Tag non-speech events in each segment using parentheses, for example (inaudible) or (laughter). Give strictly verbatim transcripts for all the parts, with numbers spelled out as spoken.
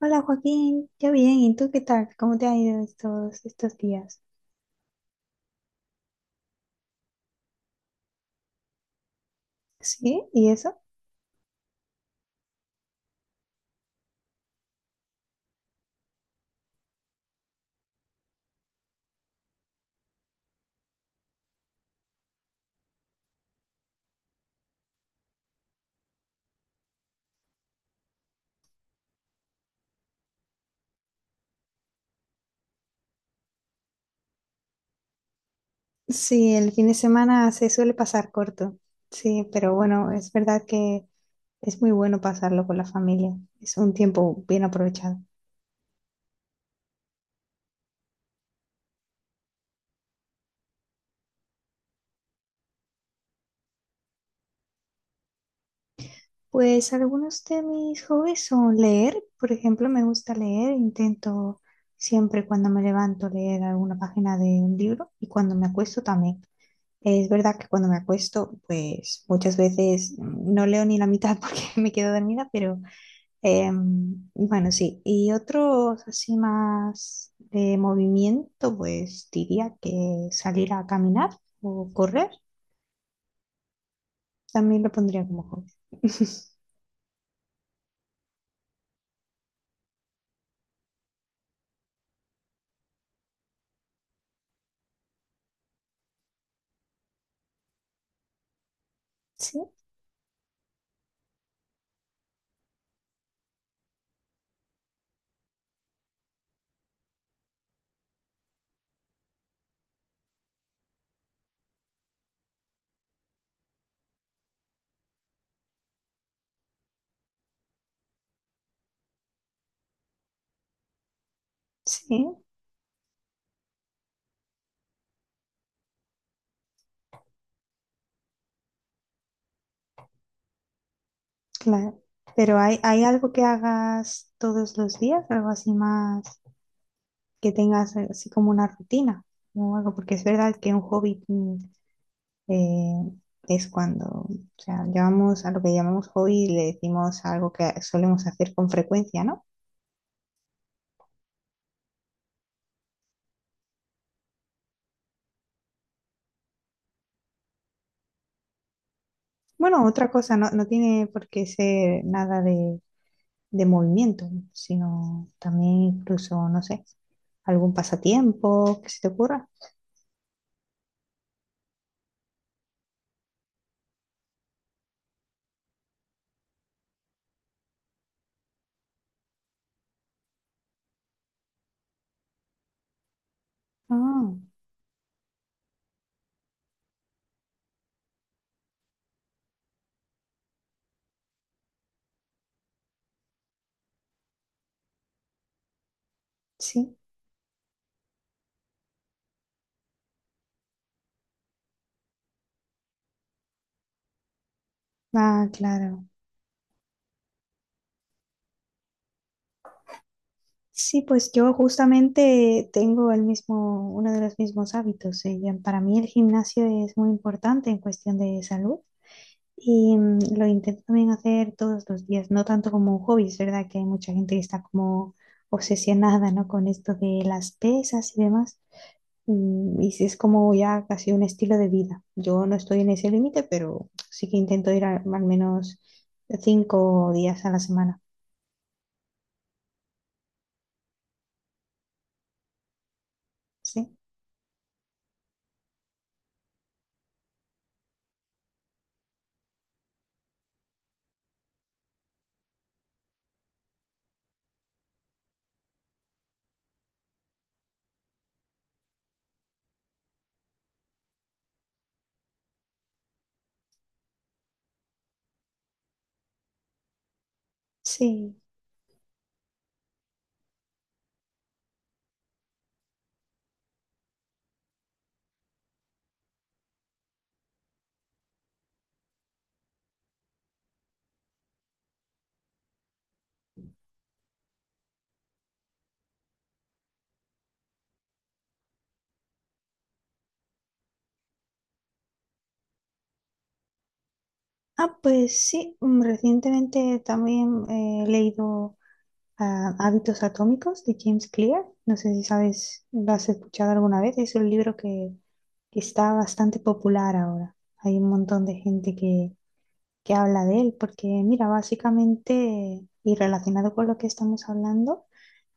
Hola Joaquín, yo bien, ¿y tú qué tal? ¿Cómo te ha ido estos, estos días? ¿Sí? ¿Y eso? Sí, el fin de semana se suele pasar corto, sí, pero bueno, es verdad que es muy bueno pasarlo con la familia, es un tiempo bien aprovechado. Pues algunos de mis hobbies son leer, por ejemplo, me gusta leer, intento siempre cuando me levanto leer alguna página de un libro y cuando me acuesto también. Es verdad que cuando me acuesto, pues muchas veces mm, no leo ni la mitad (laughs) porque me quedo dormida, pero em, bueno, sí. Y otros así más de movimiento, pues diría que salir a caminar o correr, también lo pondría como hobby. (laughs) Sí, sí, claro. Pero ¿hay, hay algo que hagas todos los días? Algo así más que tengas así como una rutina o algo, porque es verdad que un hobby mm, eh, es cuando, o sea, llamamos a lo que llamamos hobby, le decimos algo que solemos hacer con frecuencia, ¿no? Bueno, otra cosa, no, no tiene por qué ser nada de, de movimiento, sino también incluso, no sé, algún pasatiempo que se te ocurra. Ah, sí, ah, claro. Sí, pues yo justamente tengo el mismo, uno de los mismos hábitos. Eh, ya para mí el gimnasio es muy importante en cuestión de salud. Y mm, lo intento también hacer todos los días, no tanto como un hobby, es verdad que hay mucha gente que está como obsesionada, ¿no? Con esto de las pesas y demás. Mm, Y sí es como ya casi un estilo de vida. Yo no estoy en ese límite, pero sí que intento ir a- al menos cinco días a la semana. Sí, sí. Ah, pues sí, mm, recientemente también eh, he leído a Hábitos Atómicos de James Clear. No sé si sabes, lo has escuchado alguna vez. Es un libro que, que está bastante popular ahora. Hay un montón de gente que, que habla de él porque, mira, básicamente, y relacionado con lo que estamos hablando,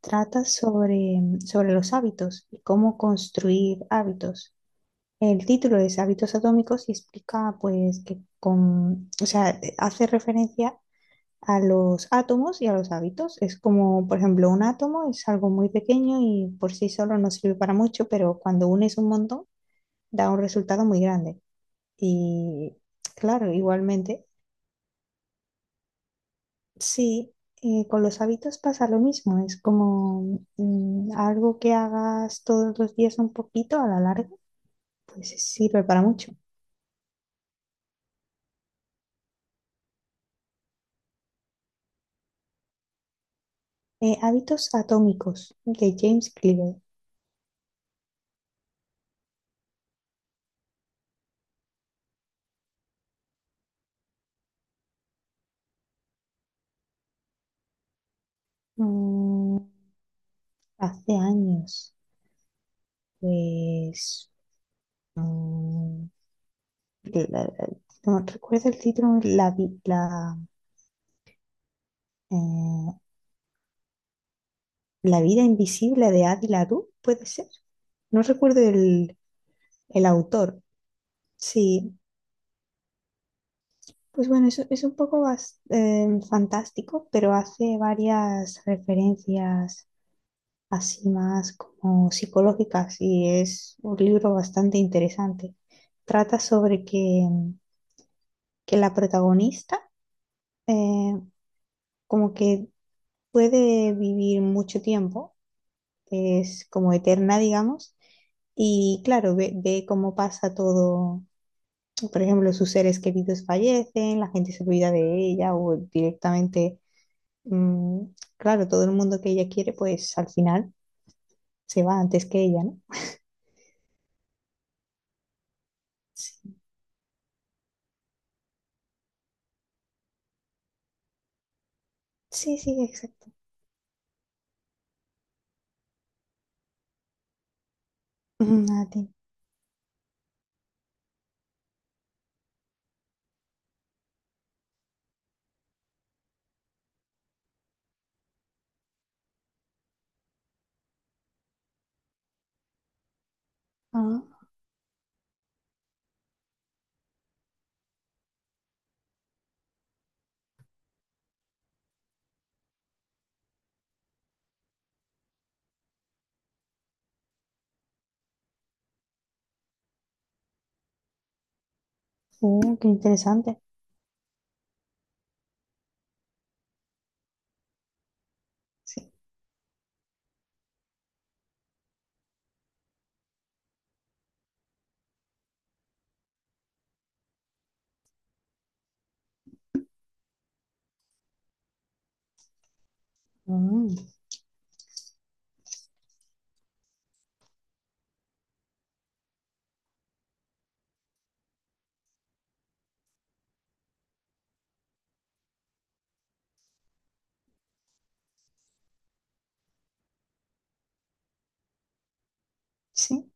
trata sobre, sobre los hábitos y cómo construir hábitos. El título es Hábitos Atómicos y explica, pues, que con, o sea, hace referencia a los átomos y a los hábitos. Es como, por ejemplo, un átomo es algo muy pequeño y por sí solo no sirve para mucho, pero cuando unes un montón da un resultado muy grande. Y claro, igualmente, sí, eh, con los hábitos pasa lo mismo. Es como mm, algo que hagas todos los días un poquito a la larga, pues sirve para mucho. Eh, Hábitos Atómicos de James Clear. Mm, hace años, pues... mm, que la- no recuerdo el título, la, vi- la, eh, La vida invisible de Adi LaRue, puede ser. No recuerdo el, el autor. Sí, pues bueno, es, es un poco bas- eh, fantástico, pero hace varias referencias así más como psicológicas y es un libro bastante interesante. Trata sobre que, que la protagonista eh, como que puede vivir mucho tiempo, es como eterna, digamos, y claro, ve, ve cómo pasa todo, por ejemplo, sus seres queridos fallecen, la gente se olvida de ella o directamente, mm, claro, todo el mundo que ella quiere, pues al final se va antes que ella, ¿no? Sí, sí, sí, exacto. Mm, a ti. Ah, uh, qué interesante. Sí, mm, sí,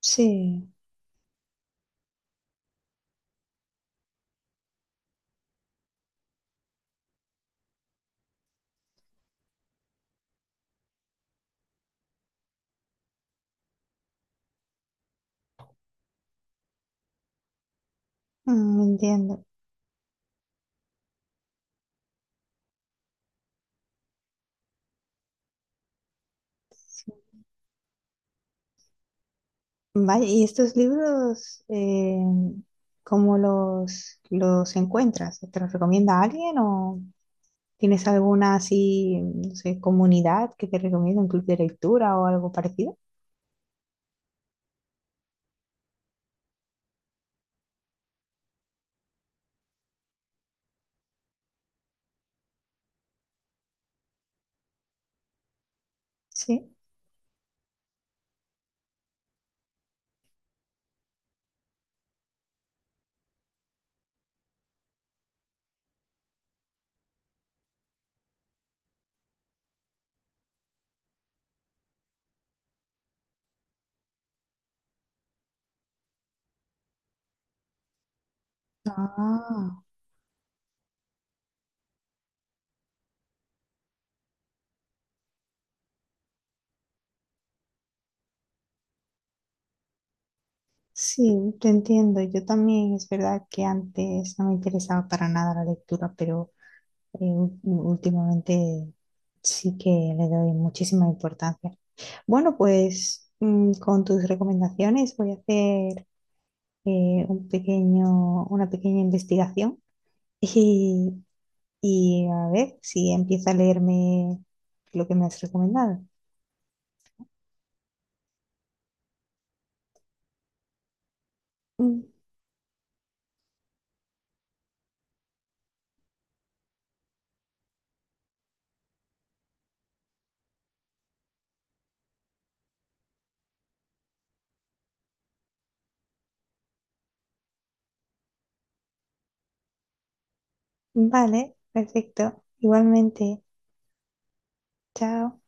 sí, mm, entiendo. Sí. Vaya, ¿y estos libros eh, cómo los, los encuentras? ¿Te los recomienda alguien o tienes alguna así, no sé, comunidad que te recomienda, un club de lectura o algo parecido? Sí. Ah, sí, te entiendo. Yo también es verdad que antes no me interesaba para nada la lectura, pero eh, ú- últimamente sí que le doy muchísima importancia. Bueno, pues mm, con tus recomendaciones voy a hacer eh, un pequeño, una pequeña investigación y, y a ver si empieza a leerme lo que me has recomendado. Mm, vale, perfecto. Igualmente, chao.